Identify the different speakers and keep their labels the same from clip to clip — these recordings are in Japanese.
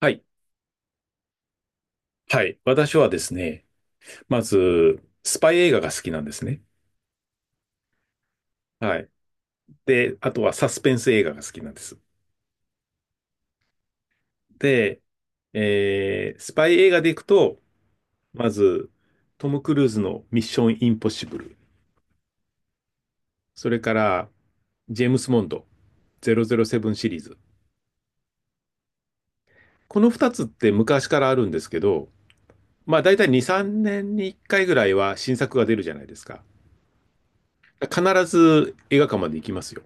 Speaker 1: はい。はい。私はですね、まず、スパイ映画が好きなんですね。はい。で、あとはサスペンス映画が好きなんです。で、スパイ映画でいくと、まず、トム・クルーズのミッション・インポッシブル。それから、ジェームス・モンド、007シリーズ。この2つって昔からあるんですけど、まあ大体2、3年に1回ぐらいは新作が出るじゃないですか。必ず映画館まで行きますよ。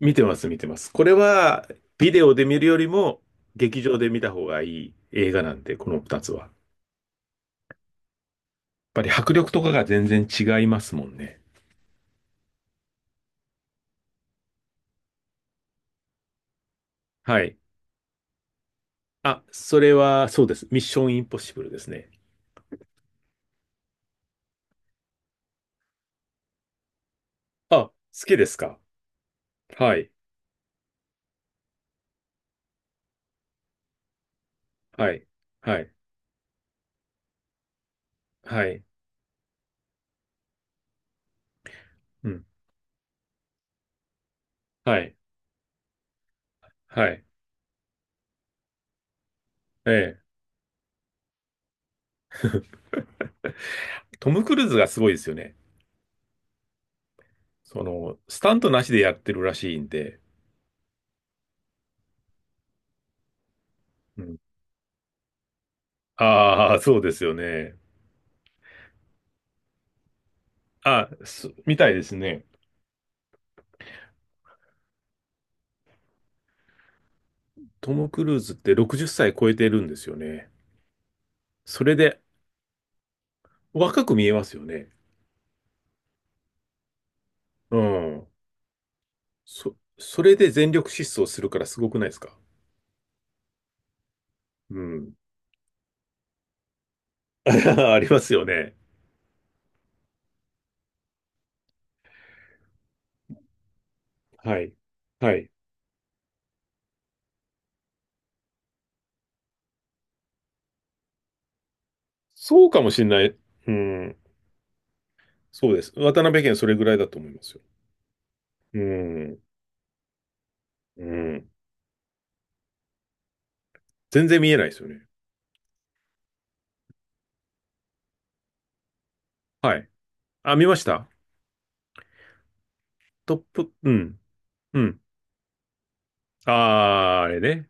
Speaker 1: 見てます、見てます。これは、ビデオで見るよりも、劇場で見た方がいい映画なんで、この2つは。やっぱり迫力とかが全然違いますもんね。はい。あ、それは、そうです。ミッションインポッシブルですね。あ、好きですか？はい、はい、はい、はい、うん、はい、はい、ええ。トム・クルーズがすごいですよね。その、スタントなしでやってるらしいんで。うん、ああ、そうですよね。あ、すみたいですね。トム・クルーズって60歳超えてるんですよね。それで若く見えますよね。うん。それで全力疾走するからすごくないですか？うん。ありますよね。はい。はい。そうかもしれない。うん。そうです。渡辺県それぐらいだと思いますよ。うん。うん。全然見えないですよね。はい。あ、見ました。トップ、うん。うん。ああ、あれね。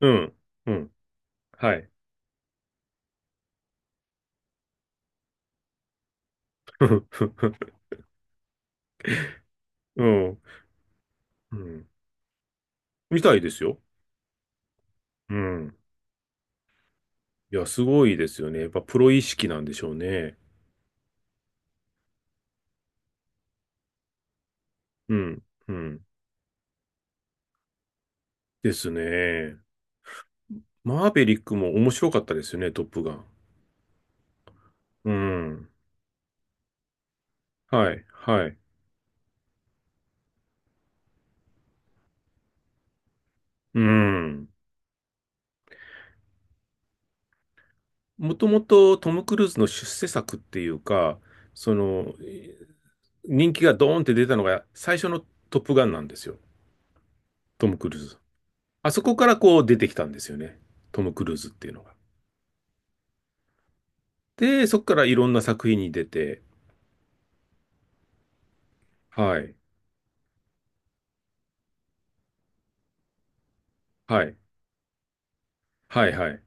Speaker 1: うん。うん。はい。うん。うん。見たいですよ。うん。いや、すごいですよね。やっぱプロ意識なんでしょうね。うん。うん。ですね。マーベリックも面白かったですよね、トップガン。うん。はい。はい。うん。もともとトム・クルーズの出世作っていうか、その、人気がドーンって出たのが最初のトップガンなんですよ。トム・クルーズ。あそこからこう出てきたんですよね。トム・クルーズっていうのが。で、そこからいろんな作品に出て、はい。はい。はいはい。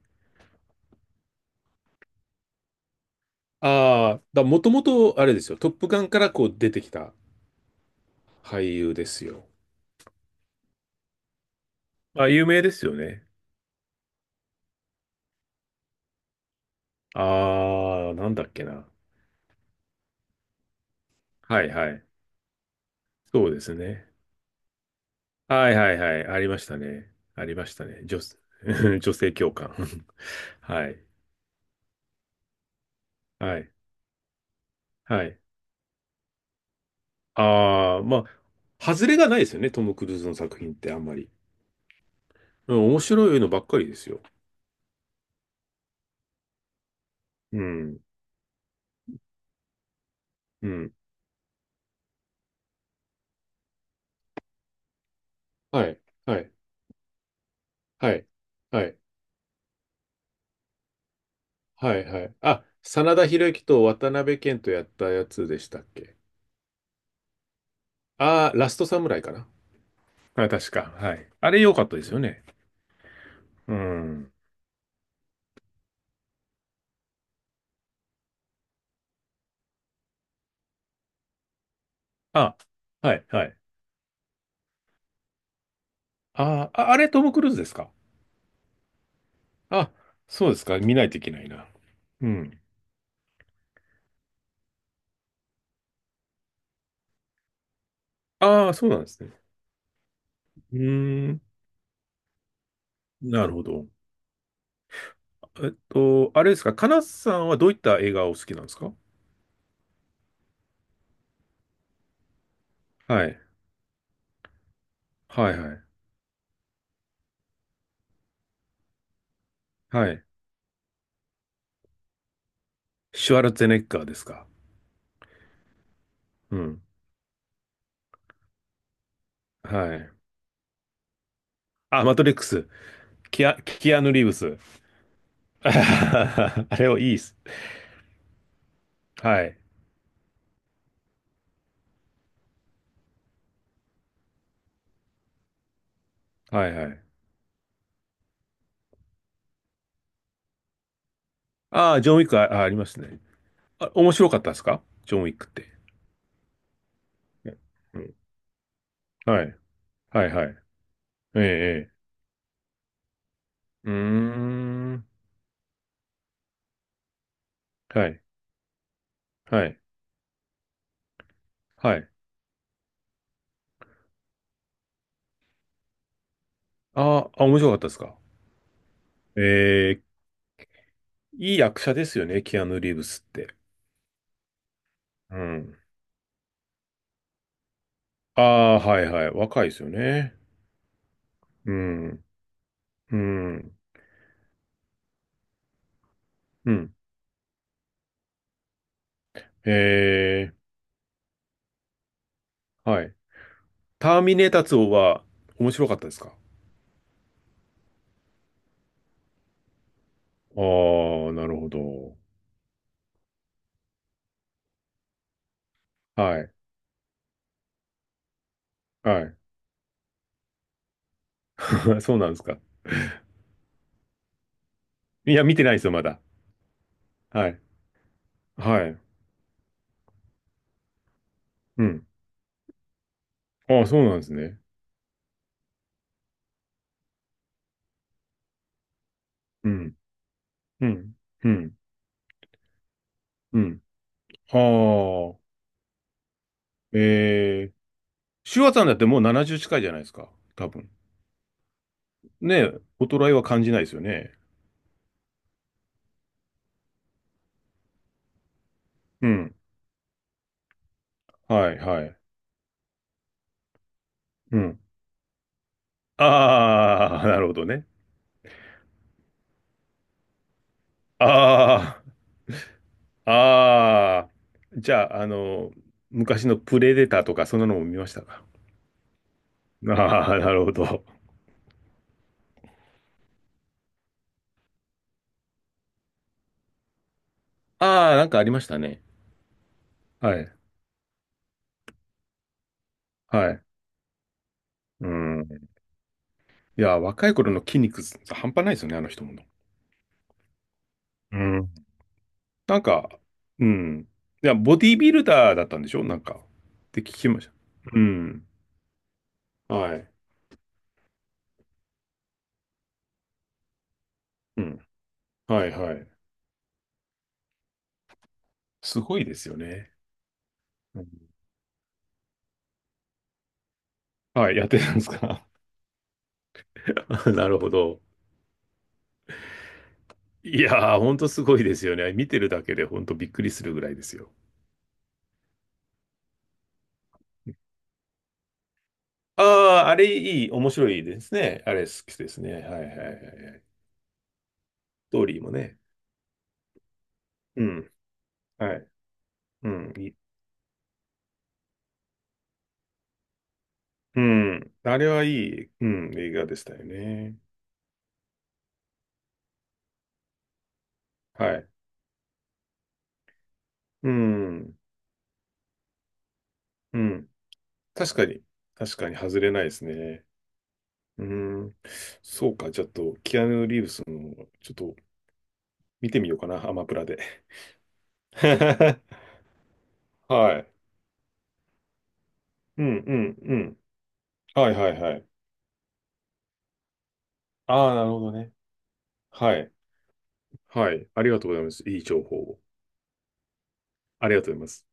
Speaker 1: ああ、もともと、あれですよ。トップガンからこう出てきた俳優ですよ。あ、有名ですよね。ああ、なんだっけな。はいはい。そうですね。はいはいはい。ありましたね。ありましたね。女性教官。はい。はい。はい。ああ、まあ、外れがないですよね。トム・クルーズの作品ってあんまり。うん、面白いのばっかりですよ。うん。うん。はい。はい。はい。はい。はいはい。あ、真田広之と渡辺謙とやったやつでしたっけ？ああー、ラストサムライかな？あ、確か。はい。あれ良かったですよね。うん。あ、はい、はい。あー、あ、あれトム・クルーズですか？あ、そうですか。見ないといけないな。うん。ああ、そうなんですね。うーん。なるほど。あれですか。かなさんはどういった映画をお好きなんですか？はい。はいはい。はい。シュワルツェネッガーですか。うん。はい。あ、マトリックス。キアヌ・リーブス。あれをいいっす。はい。はいはい。ああ、ジョンウィック。あ、ありますね。あ、面白かったですかジョンウィックって？うん。はい。はいはい。ええ、ええ。うーん。はい。はい。はい。ああ、面白かったですか？ええ、いい役者ですよね、キアヌ・リーブスって。うん。ああ、はいはい。若いですよね。うん。うん。うん。ええ、はい。ターミネーター2は面白かったですか？ああー、なるほど。はい。はい。そうなんですか。いや、見てないですよ、まだ。はい。はい。うん。ああ、そうなんですね。うん。うん。うん。うん。ああ。えー。シュワさんだってもう70近いじゃないですか。多分。ねえ、衰えは感じないですよね。うん。はい、はい。うん。ああ、なるほどね。ああ、ああ。じゃあ、あの、昔のプレデターとか、そんなのも見ましたか。ああー、なるほど。ああ、なんかありましたね。はい。はい。うん。いや、若い頃の筋肉半端ないですよね、あの人も。うん。なんか、うん。いや、ボディービルダーだったんでしょなんか。って聞きました。うん。はい。うん。はいはい。すごいですよね。うん。はい、やってたんですか？なるほど。いやー、ほんとすごいですよね。見てるだけでほんとびっくりするぐらいですよ。ああ、あれいい、面白いですね。あれ好きですね。はいはいはいはい。ストーリーもね。うん。はい。うん。いいうん。あれはいい、うん、映画でしたよね。はい。うん。うん。確かに。確かに外れないですね。うん。そうか。ちょっと、キアヌ・リーブスの、ちょっと、見てみようかな。アマプラで。はい。うん、うん、うん。はい、はい、はい。ああ、なるほどね。はい。はい。ありがとうございます。いい情報を。ありがとうございます。